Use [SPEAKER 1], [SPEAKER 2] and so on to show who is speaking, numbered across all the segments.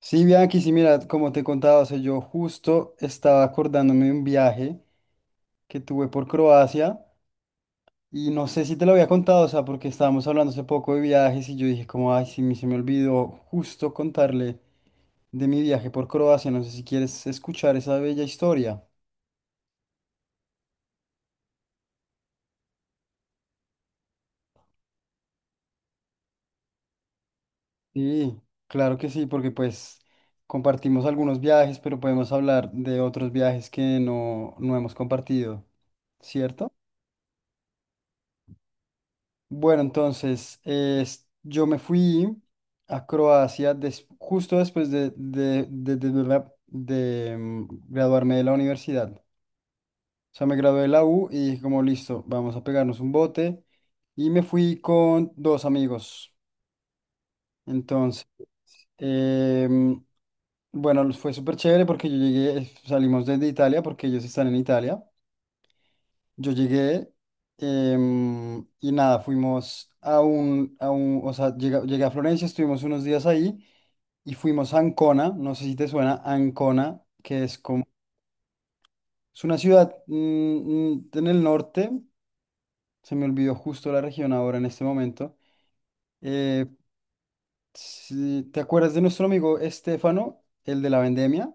[SPEAKER 1] Sí, Bianchi, sí, mira, como te contaba, o sea, yo justo estaba acordándome de un viaje que tuve por Croacia y no sé si te lo había contado, o sea, porque estábamos hablando hace poco de viajes y yo dije como, ay, sí, se me olvidó justo contarle de mi viaje por Croacia, no sé si quieres escuchar esa bella historia. Sí, claro que sí, porque pues compartimos algunos viajes, pero podemos hablar de otros viajes que no hemos compartido, ¿cierto? Bueno, entonces, yo me fui a Croacia justo después de graduarme de la universidad. O sea, me gradué de la U y dije como, listo, vamos a pegarnos un bote. Y me fui con dos amigos. Entonces, em, bueno, fue súper chévere porque yo llegué, salimos desde Italia porque ellos están en Italia. Yo llegué y nada, fuimos a o sea, llegué a Florencia, estuvimos unos días ahí y fuimos a Ancona, no sé si te suena, Ancona, que es como, es una ciudad en el norte, se me olvidó justo la región ahora en este momento. Eh, ¿Te acuerdas de nuestro amigo Estefano, el de la vendemia?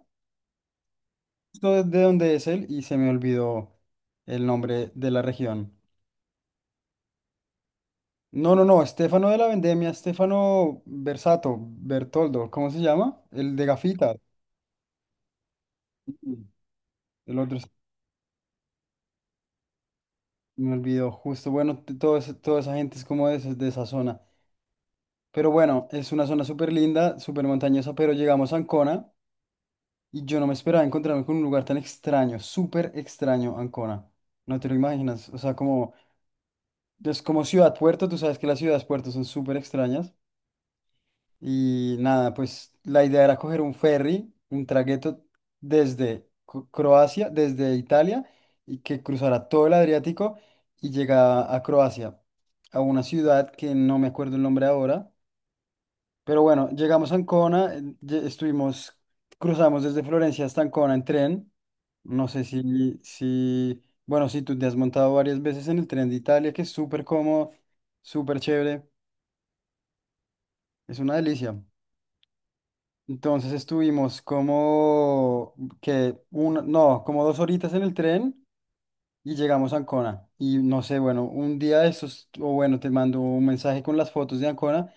[SPEAKER 1] Justo de dónde es él y se me olvidó el nombre de la región. No, no, no, Estefano de la Vendemia, Estefano Versato, Bertoldo, ¿cómo se llama? El de gafitas. Sí. El otro se me olvidó, justo. Bueno, toda esa gente es como de, de esa zona. Pero bueno, es una zona súper linda, súper montañosa, pero llegamos a Ancona y yo no me esperaba encontrarme con un lugar tan extraño, súper extraño Ancona. No te lo imaginas. O sea, como, es como ciudad puerto, tú sabes que las ciudades puertos son súper extrañas. Y nada, pues la idea era coger un ferry, un tragueto desde Croacia, desde Italia, y que cruzara todo el Adriático y llegaba a Croacia, a una ciudad que no me acuerdo el nombre ahora. Pero bueno, llegamos a Ancona, estuvimos, cruzamos desde Florencia hasta Ancona en tren. No sé bueno, si tú te has montado varias veces en el tren de Italia, que es súper cómodo, súper chévere, es una delicia. Entonces estuvimos como que un, no, como 2 horitas en el tren y llegamos a Ancona. Y no sé, bueno, un día de estos, o bueno, te mando un mensaje con las fotos de Ancona.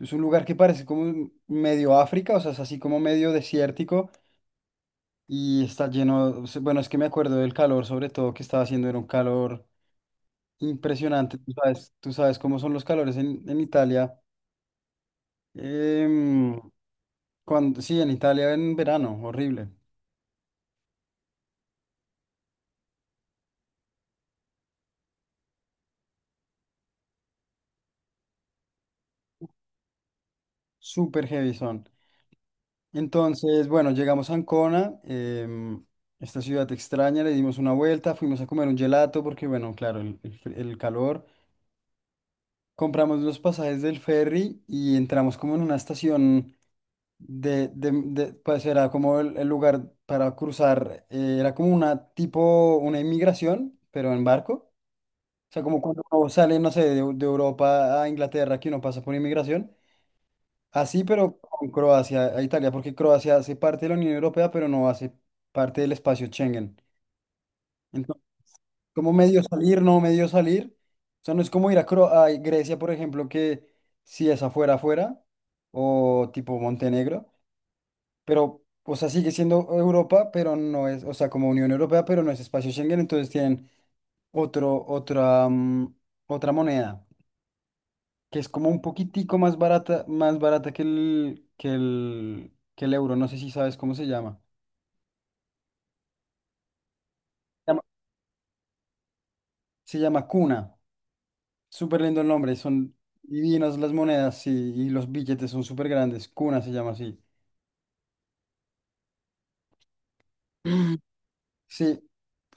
[SPEAKER 1] Es un lugar que parece como medio África, o sea, es así como medio desértico y está lleno, o sea, bueno, es que me acuerdo del calor, sobre todo que estaba haciendo, era un calor impresionante. Tú sabes cómo son los calores en Italia. em, cuando, sí, en Italia en verano, horrible. Súper heavy son. Entonces, bueno, llegamos a Ancona, esta ciudad extraña, le dimos una vuelta, fuimos a comer un gelato porque, bueno, claro, el calor. Compramos los pasajes del ferry y entramos como en una estación pues era como el lugar para cruzar, era como una tipo, una inmigración, pero en barco. O sea, como cuando uno sale, no sé, de Europa a Inglaterra, que uno pasa por inmigración. Así, pero con Croacia a Italia, porque Croacia hace parte de la Unión Europea, pero no hace parte del espacio Schengen. Entonces, como medio salir, ¿no medio salir? O sea, no es como ir a, a Grecia, por ejemplo, que si es afuera, afuera, o tipo Montenegro, pero, o sea, sigue siendo Europa, pero no es, o sea, como Unión Europea, pero no es espacio Schengen, entonces tienen otro, otra, mm, otra moneda. Que es como un poquitico más barata que el euro. No sé si sabes cómo se llama. Se llama se llama Cuna. Súper lindo el nombre. Son divinas las monedas, sí, y los billetes son súper grandes. Cuna se llama así. Sí,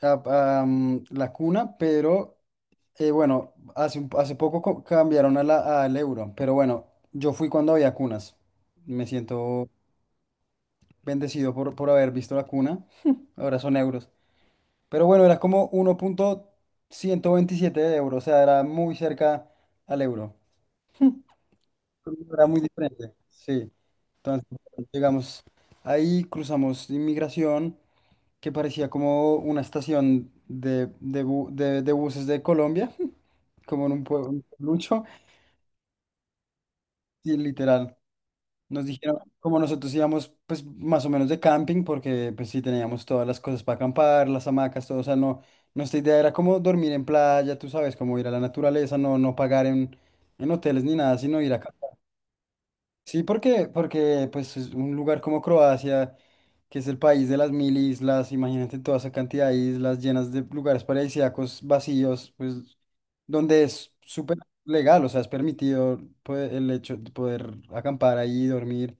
[SPEAKER 1] ah, la cuna, pero bueno, hace, hace poco cambiaron a al euro, pero bueno, yo fui cuando había cunas. Me siento bendecido por haber visto la cuna. Ahora son euros. Pero bueno, era como 1.127 euros, o sea, era muy cerca al euro. Era muy diferente, sí. Entonces, llegamos ahí, cruzamos inmigración, que parecía como una estación de buses de Colombia, como en un pueblo, lucho, y literal. Nos dijeron, como nosotros íbamos, pues más o menos de camping, porque pues sí teníamos todas las cosas para acampar, las hamacas, todo, o sea, no, nuestra idea era como dormir en playa, tú sabes, como ir a la naturaleza, no pagar en hoteles ni nada, sino ir a acampar. Sí, porque pues es un lugar como Croacia, que es el país de las mil islas, imagínate toda esa cantidad de islas llenas de lugares paradisíacos, vacíos, pues donde es súper legal, o sea, es permitido pues, el hecho de poder acampar ahí, dormir.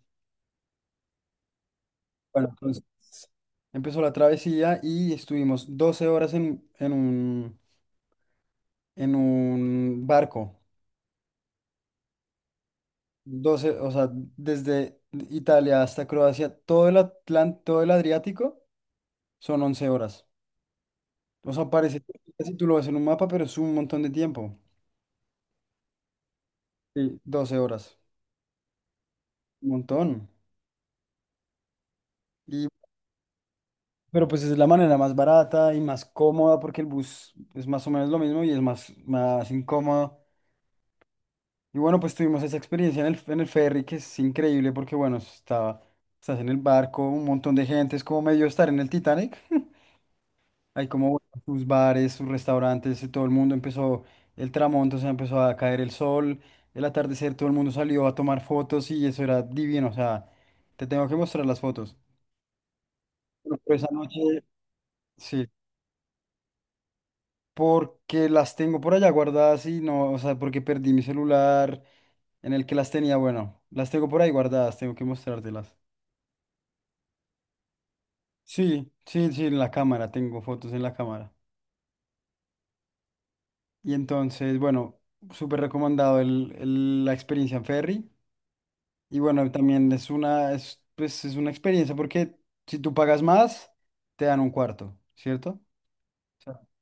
[SPEAKER 1] Bueno, entonces empezó la travesía y estuvimos 12 horas en un barco. Doce, o sea, desde Italia hasta Croacia, todo el todo el Adriático son 11 horas. O sea, parece que si tú lo ves en un mapa, pero es un montón de tiempo. Sí, 12 horas. Un montón. Y, pero pues es la manera más barata y más cómoda porque el bus es más o menos lo mismo y es más, más incómodo. Y bueno, pues tuvimos esa experiencia en en el ferry que es increíble porque, bueno, estaba, estás en el barco, un montón de gente, es como medio estar en el Titanic. Hay como bueno, sus bares, sus restaurantes, y todo el mundo empezó, el tramonto, o sea, empezó a caer el sol, el atardecer, todo el mundo salió a tomar fotos y eso era divino, o sea, te tengo que mostrar las fotos. Bueno, pero pues, esa noche, sí, porque las tengo por allá guardadas y no, o sea, porque perdí mi celular en el que las tenía, bueno, las tengo por ahí guardadas, tengo que mostrártelas. Sí, sí, sí, en la cámara, tengo fotos en la cámara. Y entonces, bueno, súper recomendado la experiencia en ferry. Y bueno, también es una, es, pues, es una experiencia porque si tú pagas más, te dan un cuarto, ¿cierto?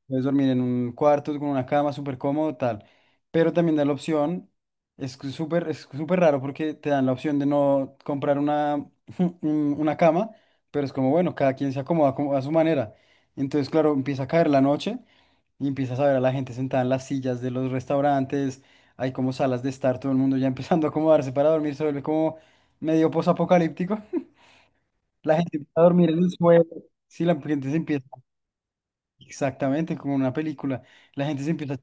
[SPEAKER 1] Puedes dormir en un cuarto con una cama súper cómodo, tal. Pero también da la opción, es que súper, es súper raro porque te dan la opción de no comprar una cama, pero es como, bueno, cada quien se acomoda como a su manera. Entonces, claro, empieza a caer la noche y empiezas a ver a la gente sentada en las sillas de los restaurantes, hay como salas de estar, todo el mundo ya empezando a acomodarse para dormir, se vuelve como medio posapocalíptico. La gente empieza a dormir en el suelo, sí, la gente se empieza. Exactamente, como una película. La gente se empieza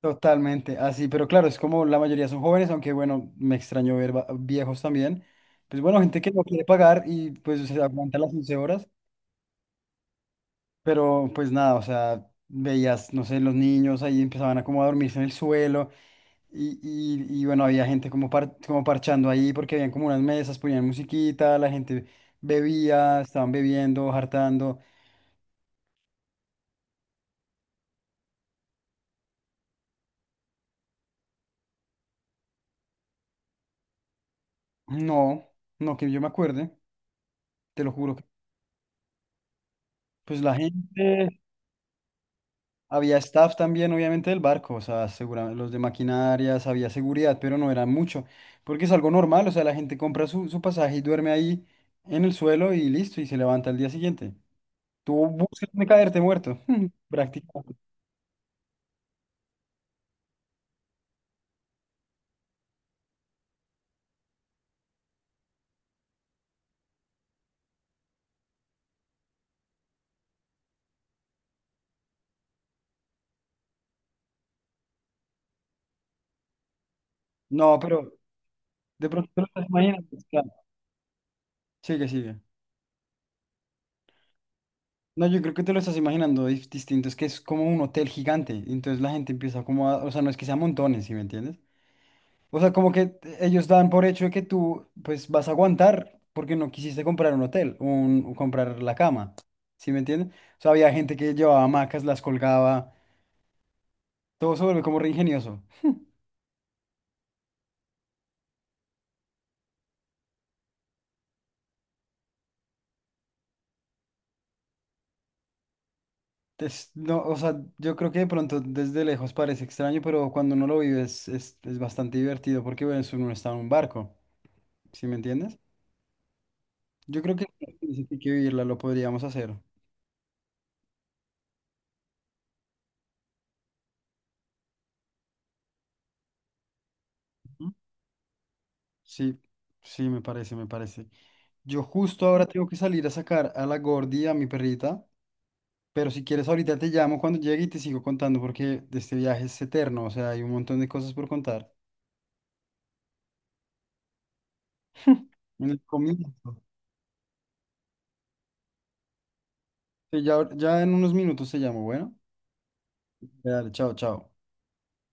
[SPEAKER 1] totalmente así, pero claro, es como la mayoría son jóvenes, aunque bueno, me extrañó ver viejos también. Pues bueno, gente que no quiere pagar y pues se aguanta las 11 horas, pero pues nada, o sea, veías, no sé, los niños ahí empezaban a como a dormirse en el suelo y bueno, había gente como, como parchando ahí porque habían como unas mesas, ponían musiquita, la gente bebía, estaban bebiendo, hartando. No, no que yo me acuerde, te lo juro. Pues la gente... Había staff también, obviamente, del barco, o sea, los de maquinarias, había seguridad, pero no era mucho, porque es algo normal, o sea, la gente compra su pasaje y duerme ahí en el suelo y listo, y se levanta al día siguiente. Tú buscas de caerte muerto, prácticamente. No, pero de pronto te lo estás imaginando. O sea, sigue, sigue. No, yo creo que te lo estás imaginando distinto, es que es como un hotel gigante, entonces la gente empieza como a, o sea, no es que sea montones, ¿sí me entiendes? O sea, como que ellos dan por hecho de que tú, pues, vas a aguantar porque no quisiste comprar un hotel, un, o comprar la cama. ¿Sí me entienden? O sea, había gente que llevaba hamacas, las colgaba. Todo se vuelve como re ingenioso. No, o sea, yo creo que de pronto desde lejos parece extraño, pero cuando uno lo vive es bastante divertido porque, bueno, uno está en un barco. ¿Sí me entiendes? Yo creo que sí, sí hay que vivirla, lo podríamos hacer. Ujú. Sí, sí, me parece, me parece. Yo justo ahora tengo que salir a sacar a la Gordi, a mi perrita, pero si quieres ahorita te llamo cuando llegue y te sigo contando porque de este viaje es eterno, o sea, hay un montón de cosas por contar. En el comienzo. Sí, ya, ya en unos minutos te llamo, bueno. Dale, chao, chao.